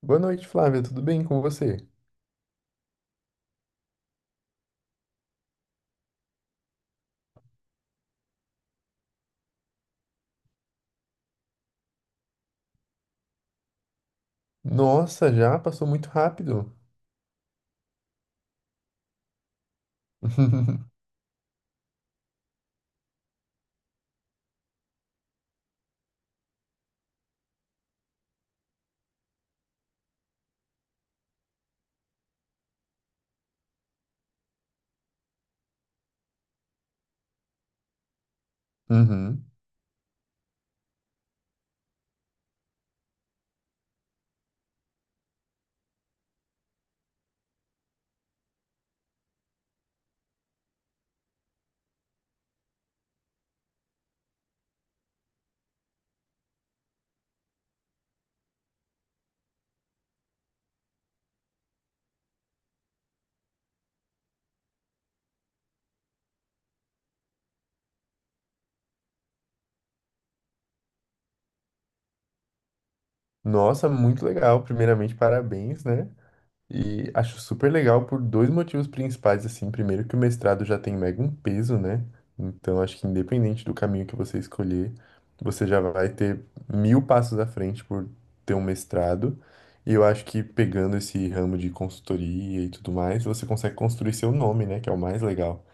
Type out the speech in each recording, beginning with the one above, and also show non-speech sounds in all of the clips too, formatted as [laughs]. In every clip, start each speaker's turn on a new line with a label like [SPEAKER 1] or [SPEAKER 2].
[SPEAKER 1] Boa noite, Flávia. Tudo bem com você? Nossa, já passou muito rápido. [laughs] Uhum. Nossa, muito legal. Primeiramente, parabéns, né? E acho super legal por dois motivos principais, assim. Primeiro, que o mestrado já tem mega um peso, né? Então, acho que independente do caminho que você escolher, você já vai ter mil passos à frente por ter um mestrado. E eu acho que pegando esse ramo de consultoria e tudo mais, você consegue construir seu nome, né? Que é o mais legal.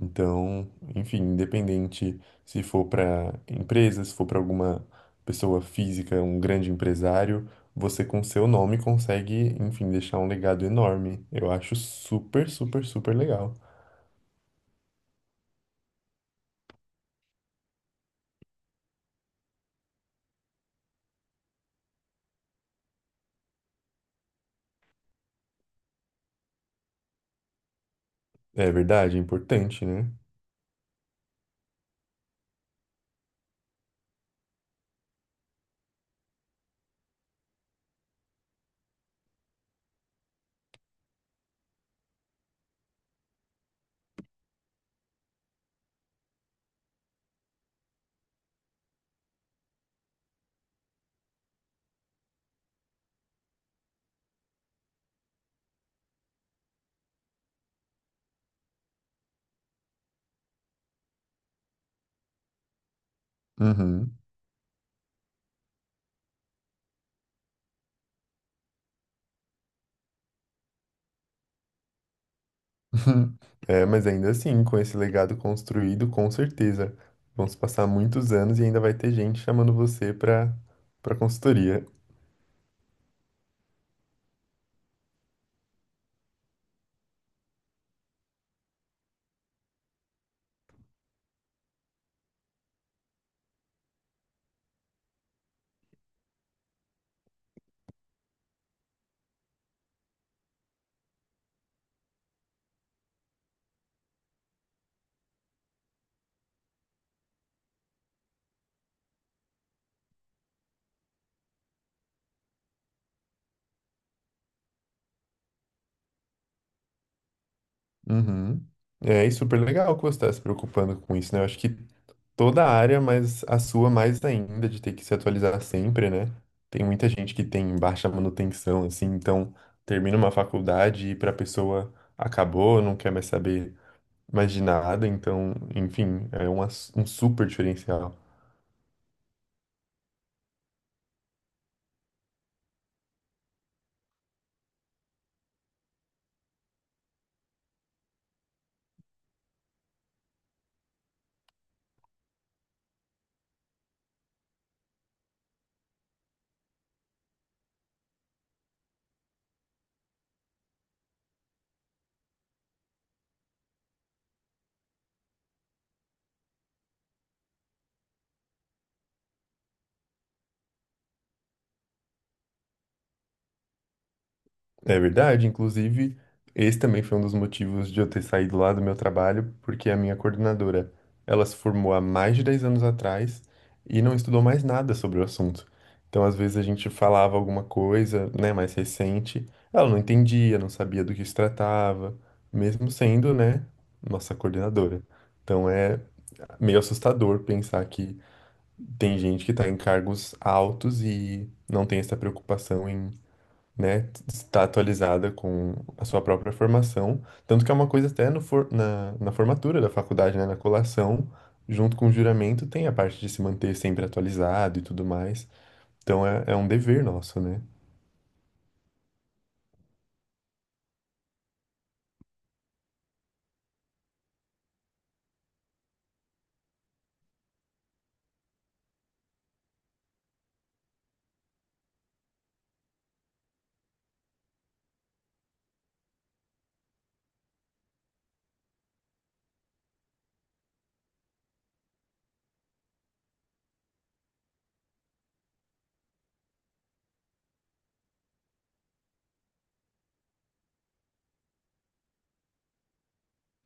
[SPEAKER 1] Então, enfim, independente se for para empresa, se for para alguma pessoa física, um grande empresário, você com seu nome consegue, enfim, deixar um legado enorme. Eu acho super, super, super legal. É verdade, é importante, né? Uhum. [laughs] É, mas ainda assim, com esse legado construído, com certeza vão se passar muitos anos e ainda vai ter gente chamando você para consultoria. Uhum. É, e super legal que você está se preocupando com isso, né? Eu acho que toda a área, mas a sua mais ainda, de ter que se atualizar sempre, né? Tem muita gente que tem baixa manutenção, assim, então termina uma faculdade e para a pessoa acabou, não quer mais saber mais de nada, então, enfim, é um, um super diferencial. É verdade, inclusive, esse também foi um dos motivos de eu ter saído lá do meu trabalho, porque a minha coordenadora, ela se formou há mais de 10 anos atrás e não estudou mais nada sobre o assunto. Então, às vezes a gente falava alguma coisa, né, mais recente, ela não entendia, não sabia do que se tratava, mesmo sendo, né, nossa coordenadora. Então é meio assustador pensar que tem gente que está em cargos altos e não tem essa preocupação né, está atualizada com a sua própria formação, tanto que é uma coisa até no for- na, formatura da faculdade, né, na colação, junto com o juramento, tem a parte de se manter sempre atualizado e tudo mais. Então é, é um dever nosso, né?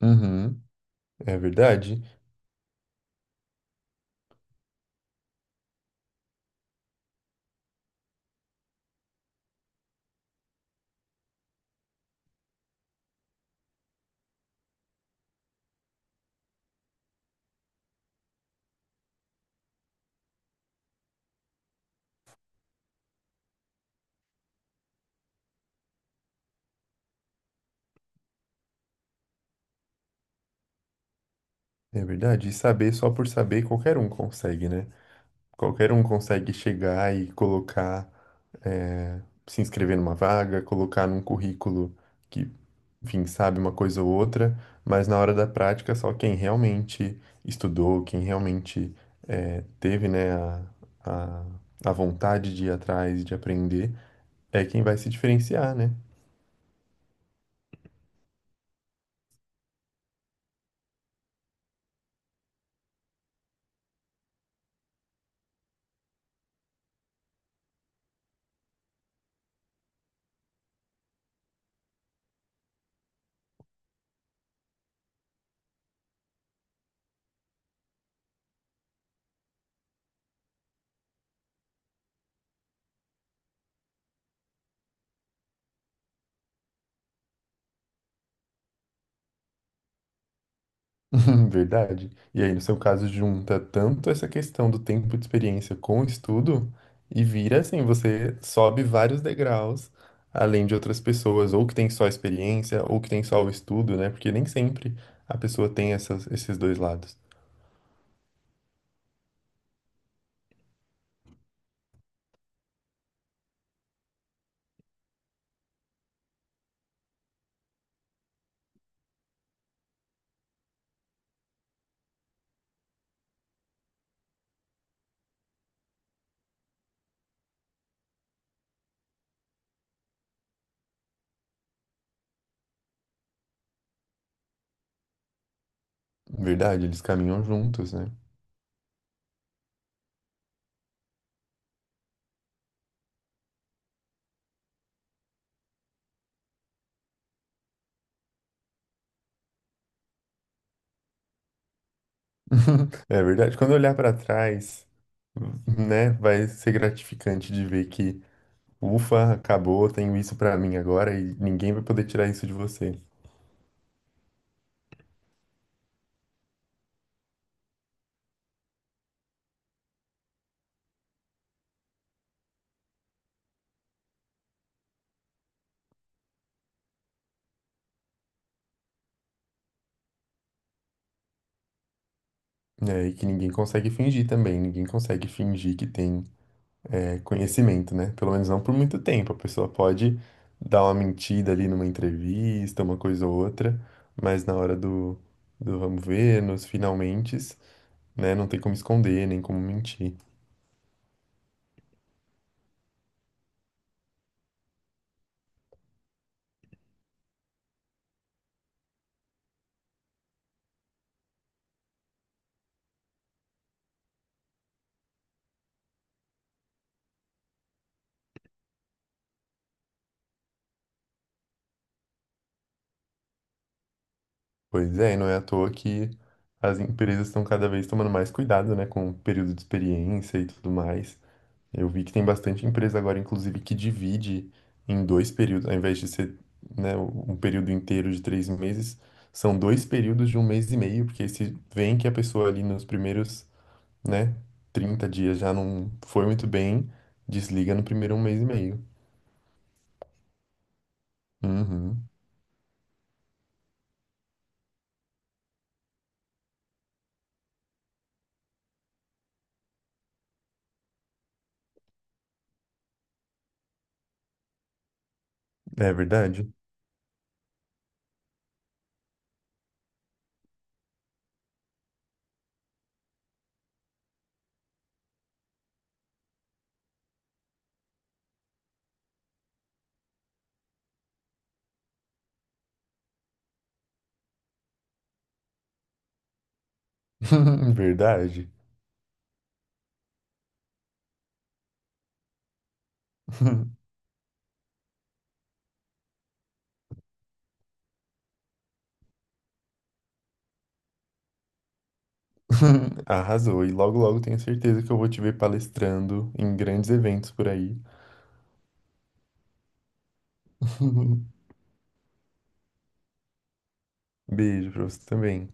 [SPEAKER 1] Uhum. É verdade, é verdade. E saber só por saber qualquer um consegue, né? Qualquer um consegue chegar e colocar, eh, se inscrever numa vaga, colocar num currículo que, enfim, sabe uma coisa ou outra, mas na hora da prática, só quem realmente estudou, quem realmente teve, né, a, a vontade de ir atrás, de aprender, é quem vai se diferenciar, né? [laughs] Verdade. E aí, no seu caso, junta tanto essa questão do tempo de experiência com o estudo e vira assim, você sobe vários degraus, além de outras pessoas, ou que tem só a experiência, ou que tem só o estudo, né? Porque nem sempre a pessoa tem esses dois lados. Verdade, eles caminham juntos, né? [laughs] É verdade. Quando eu olhar para trás, né, vai ser gratificante de ver que, ufa, acabou, tenho isso para mim agora e ninguém vai poder tirar isso de você. É, e que ninguém consegue fingir também, ninguém consegue fingir que tem conhecimento, né? Pelo menos não por muito tempo. A pessoa pode dar uma mentida ali numa entrevista, uma coisa ou outra, mas na hora do vamos ver, nos finalmente, né? Não tem como esconder, nem como mentir. Pois é, e não é à toa que as empresas estão cada vez tomando mais cuidado, né? Com o período de experiência e tudo mais. Eu vi que tem bastante empresa agora, inclusive, que divide em dois períodos, ao invés de ser, né, um período inteiro de 3 meses, são dois períodos de um mês e meio, porque se vem que a pessoa ali nos primeiros, né, 30 dias já não foi muito bem, desliga no primeiro um mês e meio. Uhum. É verdade. [laughs] Verdade. [laughs] Arrasou. E logo, logo tenho certeza que eu vou te ver palestrando em grandes eventos por aí. [laughs] Beijo pra você também.